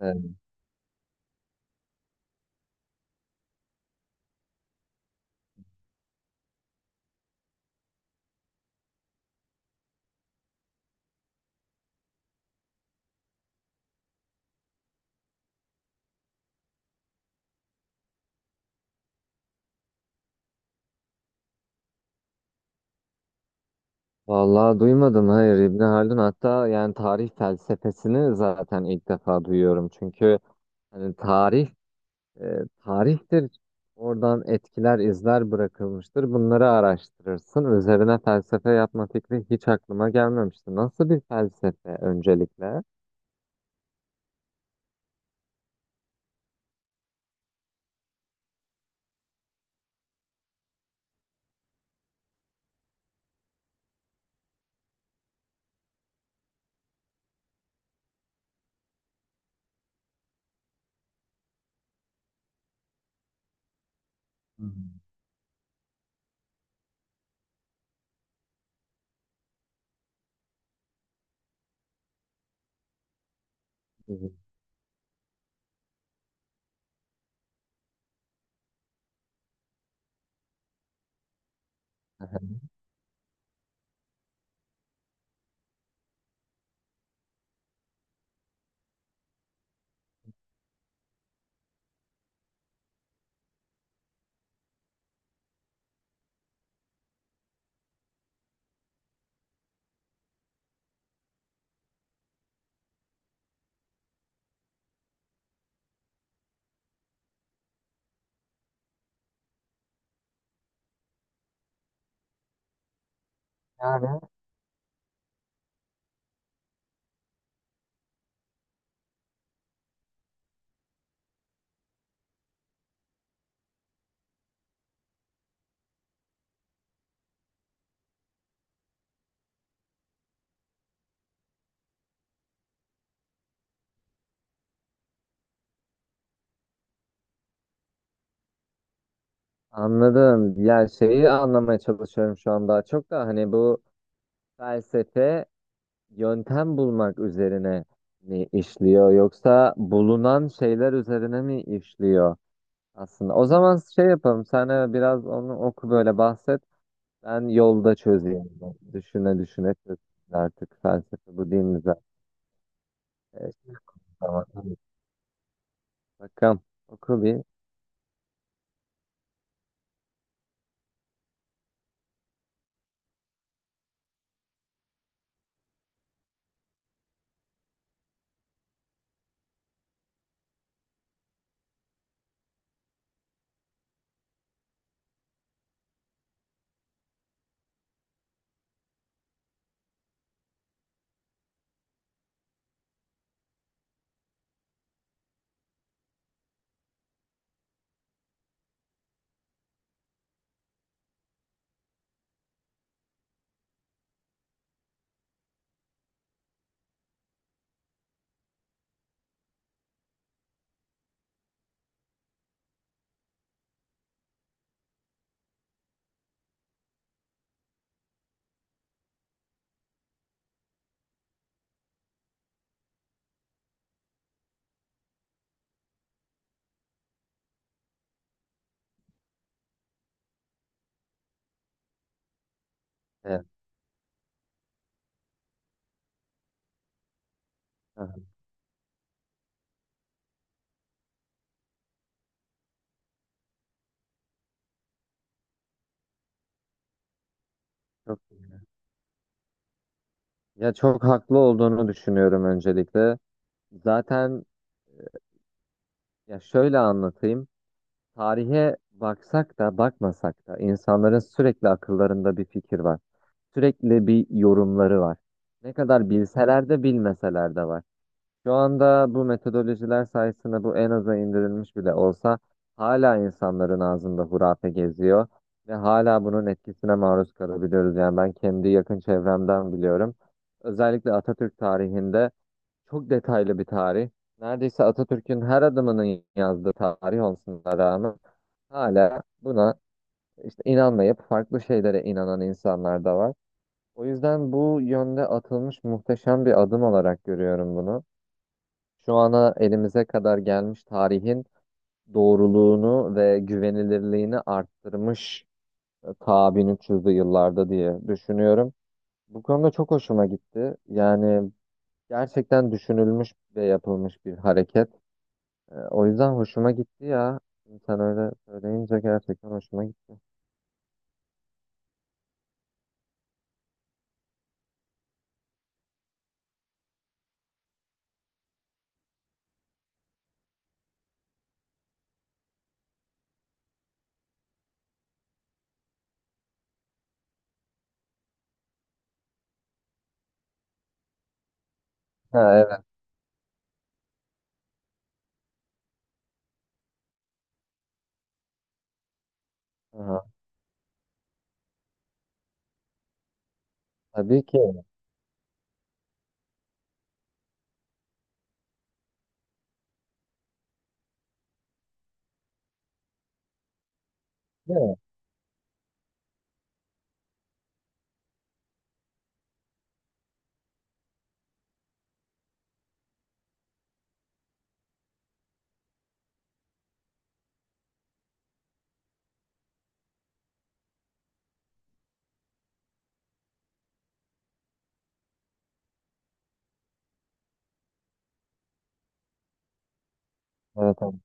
Evet. Vallahi duymadım, hayır, İbni Haldun. Hatta yani tarih felsefesini zaten ilk defa duyuyorum. Çünkü hani tarih e, tarihtir, oradan etkiler, izler bırakılmıştır, bunları araştırırsın. Üzerine felsefe yapma fikri hiç aklıma gelmemişti. Nasıl bir felsefe öncelikle? Hmm. Evet. Yani anladım. Ya şeyi anlamaya çalışıyorum şu an, daha çok da hani bu felsefe yöntem bulmak üzerine mi işliyor yoksa bulunan şeyler üzerine mi işliyor aslında? O zaman şey yapalım. Sen biraz onu oku, böyle bahset. Ben yolda çözeyim. Düşüne düşüne çözeyim, artık felsefe bu değil mi zaten? E, şey Bakalım. Oku bir. Evet. Aha. Çok, Ya, çok haklı olduğunu düşünüyorum öncelikle. Zaten, ya şöyle anlatayım. Tarihe baksak da bakmasak da insanların sürekli akıllarında bir fikir var. Sürekli bir yorumları var. Ne kadar bilseler de bilmeseler de var. Şu anda bu metodolojiler sayesinde bu en aza indirilmiş bile olsa hala insanların ağzında hurafe geziyor ve hala bunun etkisine maruz kalabiliyoruz. Yani ben kendi yakın çevremden biliyorum. Özellikle Atatürk tarihinde, çok detaylı bir tarih. Neredeyse Atatürk'ün her adımının yazdığı tarih olmasına rağmen hala buna işte inanmayıp farklı şeylere inanan insanlar da var. O yüzden bu yönde atılmış muhteşem bir adım olarak görüyorum bunu. Şu ana elimize kadar gelmiş tarihin doğruluğunu ve güvenilirliğini arttırmış ta 1300'lü yıllarda diye düşünüyorum. Bu konuda çok hoşuma gitti. Yani gerçekten düşünülmüş ve yapılmış bir hareket. O yüzden hoşuma gitti ya. Şimdi sen öyle söyleyince gerçekten hoşuma gitti. Ha, evet. Aha. Tabii ki. Değil mi? Evet, evet.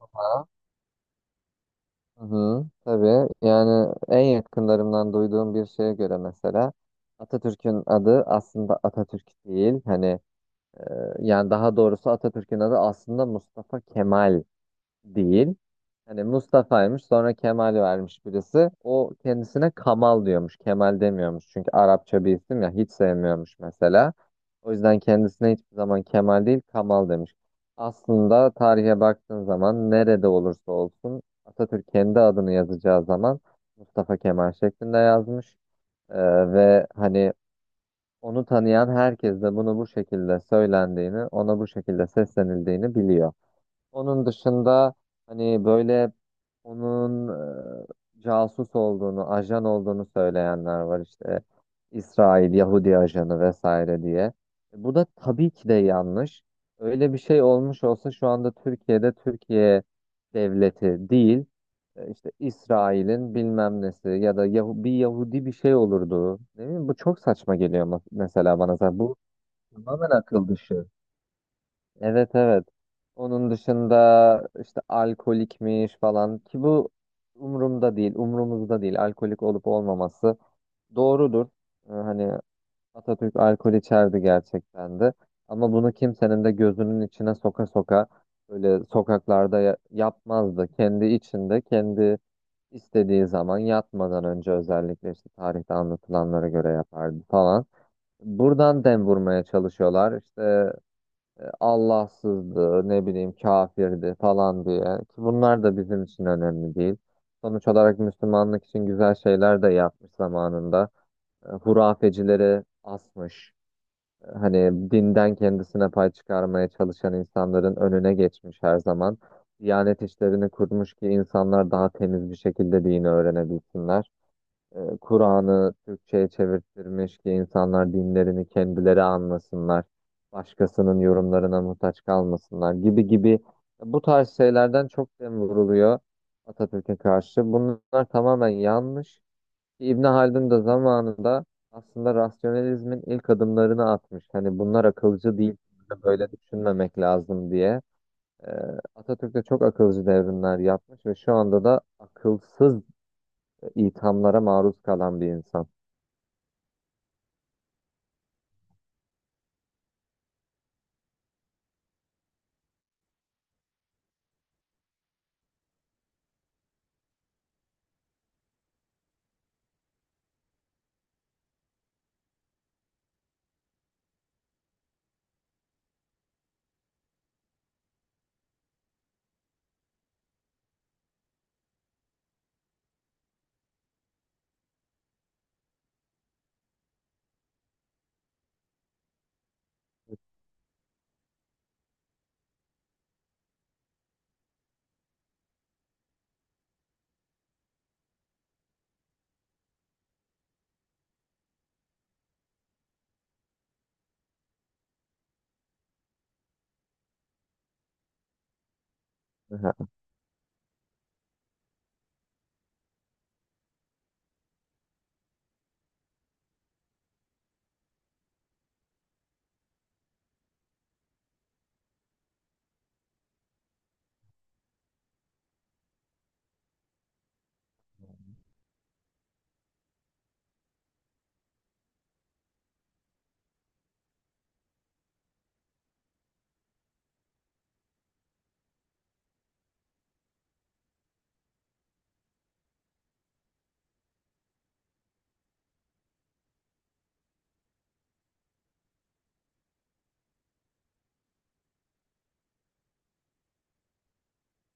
Ha. Hı hı. Tabii, yani en yakınlarımdan duyduğum bir şeye göre, mesela Atatürk'ün adı aslında Atatürk değil. Hani e, yani daha doğrusu Atatürk'ün adı aslında Mustafa Kemal değil. Hani Mustafa'ymış, sonra Kemal vermiş birisi. O kendisine Kamal diyormuş, Kemal demiyormuş. Çünkü Arapça bir isim, ya hiç sevmiyormuş mesela. O yüzden kendisine hiçbir zaman Kemal değil, Kamal demiş. Aslında tarihe baktığın zaman nerede olursa olsun Atatürk kendi adını yazacağı zaman Mustafa Kemal şeklinde yazmış. Ee, Ve hani onu tanıyan herkes de bunu bu şekilde söylendiğini, ona bu şekilde seslenildiğini biliyor. Onun dışında hani böyle onun casus olduğunu, ajan olduğunu söyleyenler var işte. İsrail, Yahudi ajanı vesaire diye. Bu da tabii ki de yanlış. Öyle bir şey olmuş olsa şu anda Türkiye'de Türkiye devleti değil, işte İsrail'in bilmem nesi ya da bir Yahudi bir şey olurdu. Değil mi? Bu çok saçma geliyor mesela bana zaten. Bu tamamen akıl dışı. Evet, evet. Onun dışında işte alkolikmiş falan, ki bu umurumda değil, umurumuzda değil. Alkolik olup olmaması doğrudur. Hani Atatürk alkol içerdi gerçekten de. Ama bunu kimsenin de gözünün içine soka soka böyle sokaklarda yapmazdı. Kendi içinde, kendi istediği zaman, yatmadan önce özellikle, işte tarihte anlatılanlara göre yapardı falan. Buradan dem vurmaya çalışıyorlar. İşte Allahsızdı, ne bileyim, kafirdi falan diye. Ki bunlar da bizim için önemli değil. Sonuç olarak Müslümanlık için güzel şeyler de yapmış zamanında. Hurafecileri asmış. Hani dinden kendisine pay çıkarmaya çalışan insanların önüne geçmiş her zaman. Diyanet işlerini kurmuş ki insanlar daha temiz bir şekilde dini öğrenebilsinler, Kur'an'ı Türkçe'ye çevirttirmiş ki insanlar dinlerini kendileri anlasınlar, başkasının yorumlarına muhtaç kalmasınlar, gibi gibi. Bu tarz şeylerden çok dem vuruluyor Atatürk'e karşı. Bunlar tamamen yanlış. İbn Haldun da zamanında aslında rasyonalizmin ilk adımlarını atmış. Hani bunlar akılcı değil, böyle düşünmemek lazım diye. E, Atatürk de çok akılcı devrimler yapmış ve şu anda da akılsız ithamlara maruz kalan bir insan. Aha.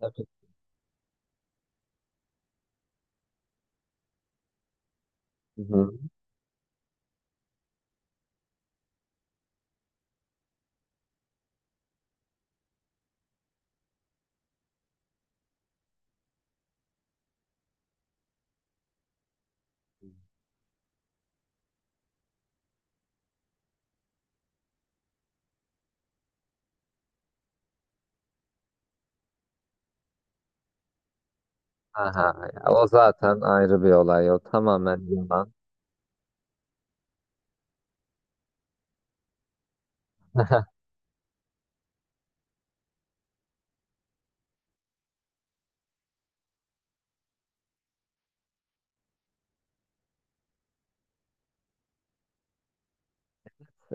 Tabii. Hı hı. Aha, ya o zaten ayrı bir olay. O tamamen yalan.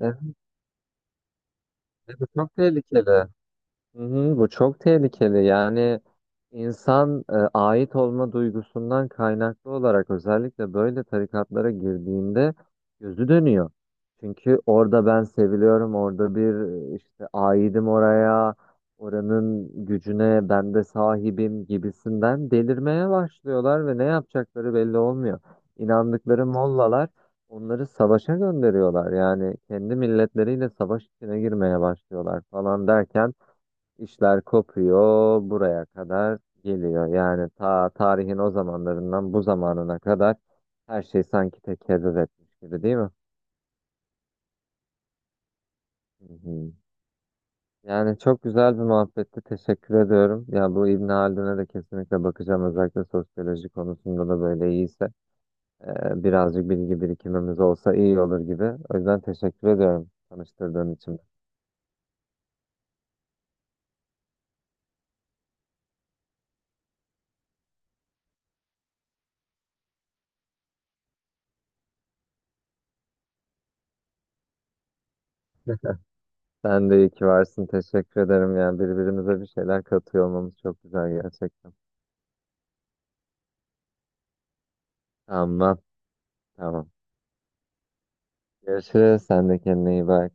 Evet, çok tehlikeli. Hı hı, bu çok tehlikeli. Yani insan ait olma duygusundan kaynaklı olarak özellikle böyle tarikatlara girdiğinde gözü dönüyor. Çünkü orada ben seviliyorum, orada bir, işte aidim oraya, oranın gücüne ben de sahibim gibisinden delirmeye başlıyorlar ve ne yapacakları belli olmuyor. İnandıkları mollalar onları savaşa gönderiyorlar. Yani kendi milletleriyle savaş içine girmeye başlıyorlar falan derken İşler kopuyor, buraya kadar geliyor. Yani ta tarihin o zamanlarından bu zamanına kadar her şey sanki tekerrür etmiş gibi, değil mi? Hı hı. Yani çok güzel bir muhabbetti, teşekkür ediyorum. Ya bu İbn Haldun'a da kesinlikle bakacağım. Özellikle sosyoloji konusunda da böyle iyiyse, birazcık bilgi birikimimiz olsa iyi olur gibi. O yüzden teşekkür ediyorum tanıştırdığın için. Sen de iyi ki varsın. Teşekkür ederim. Yani birbirimize bir şeyler katıyor olmamız çok güzel gerçekten. Tamam. Tamam. Görüşürüz. Sen de kendine iyi bak.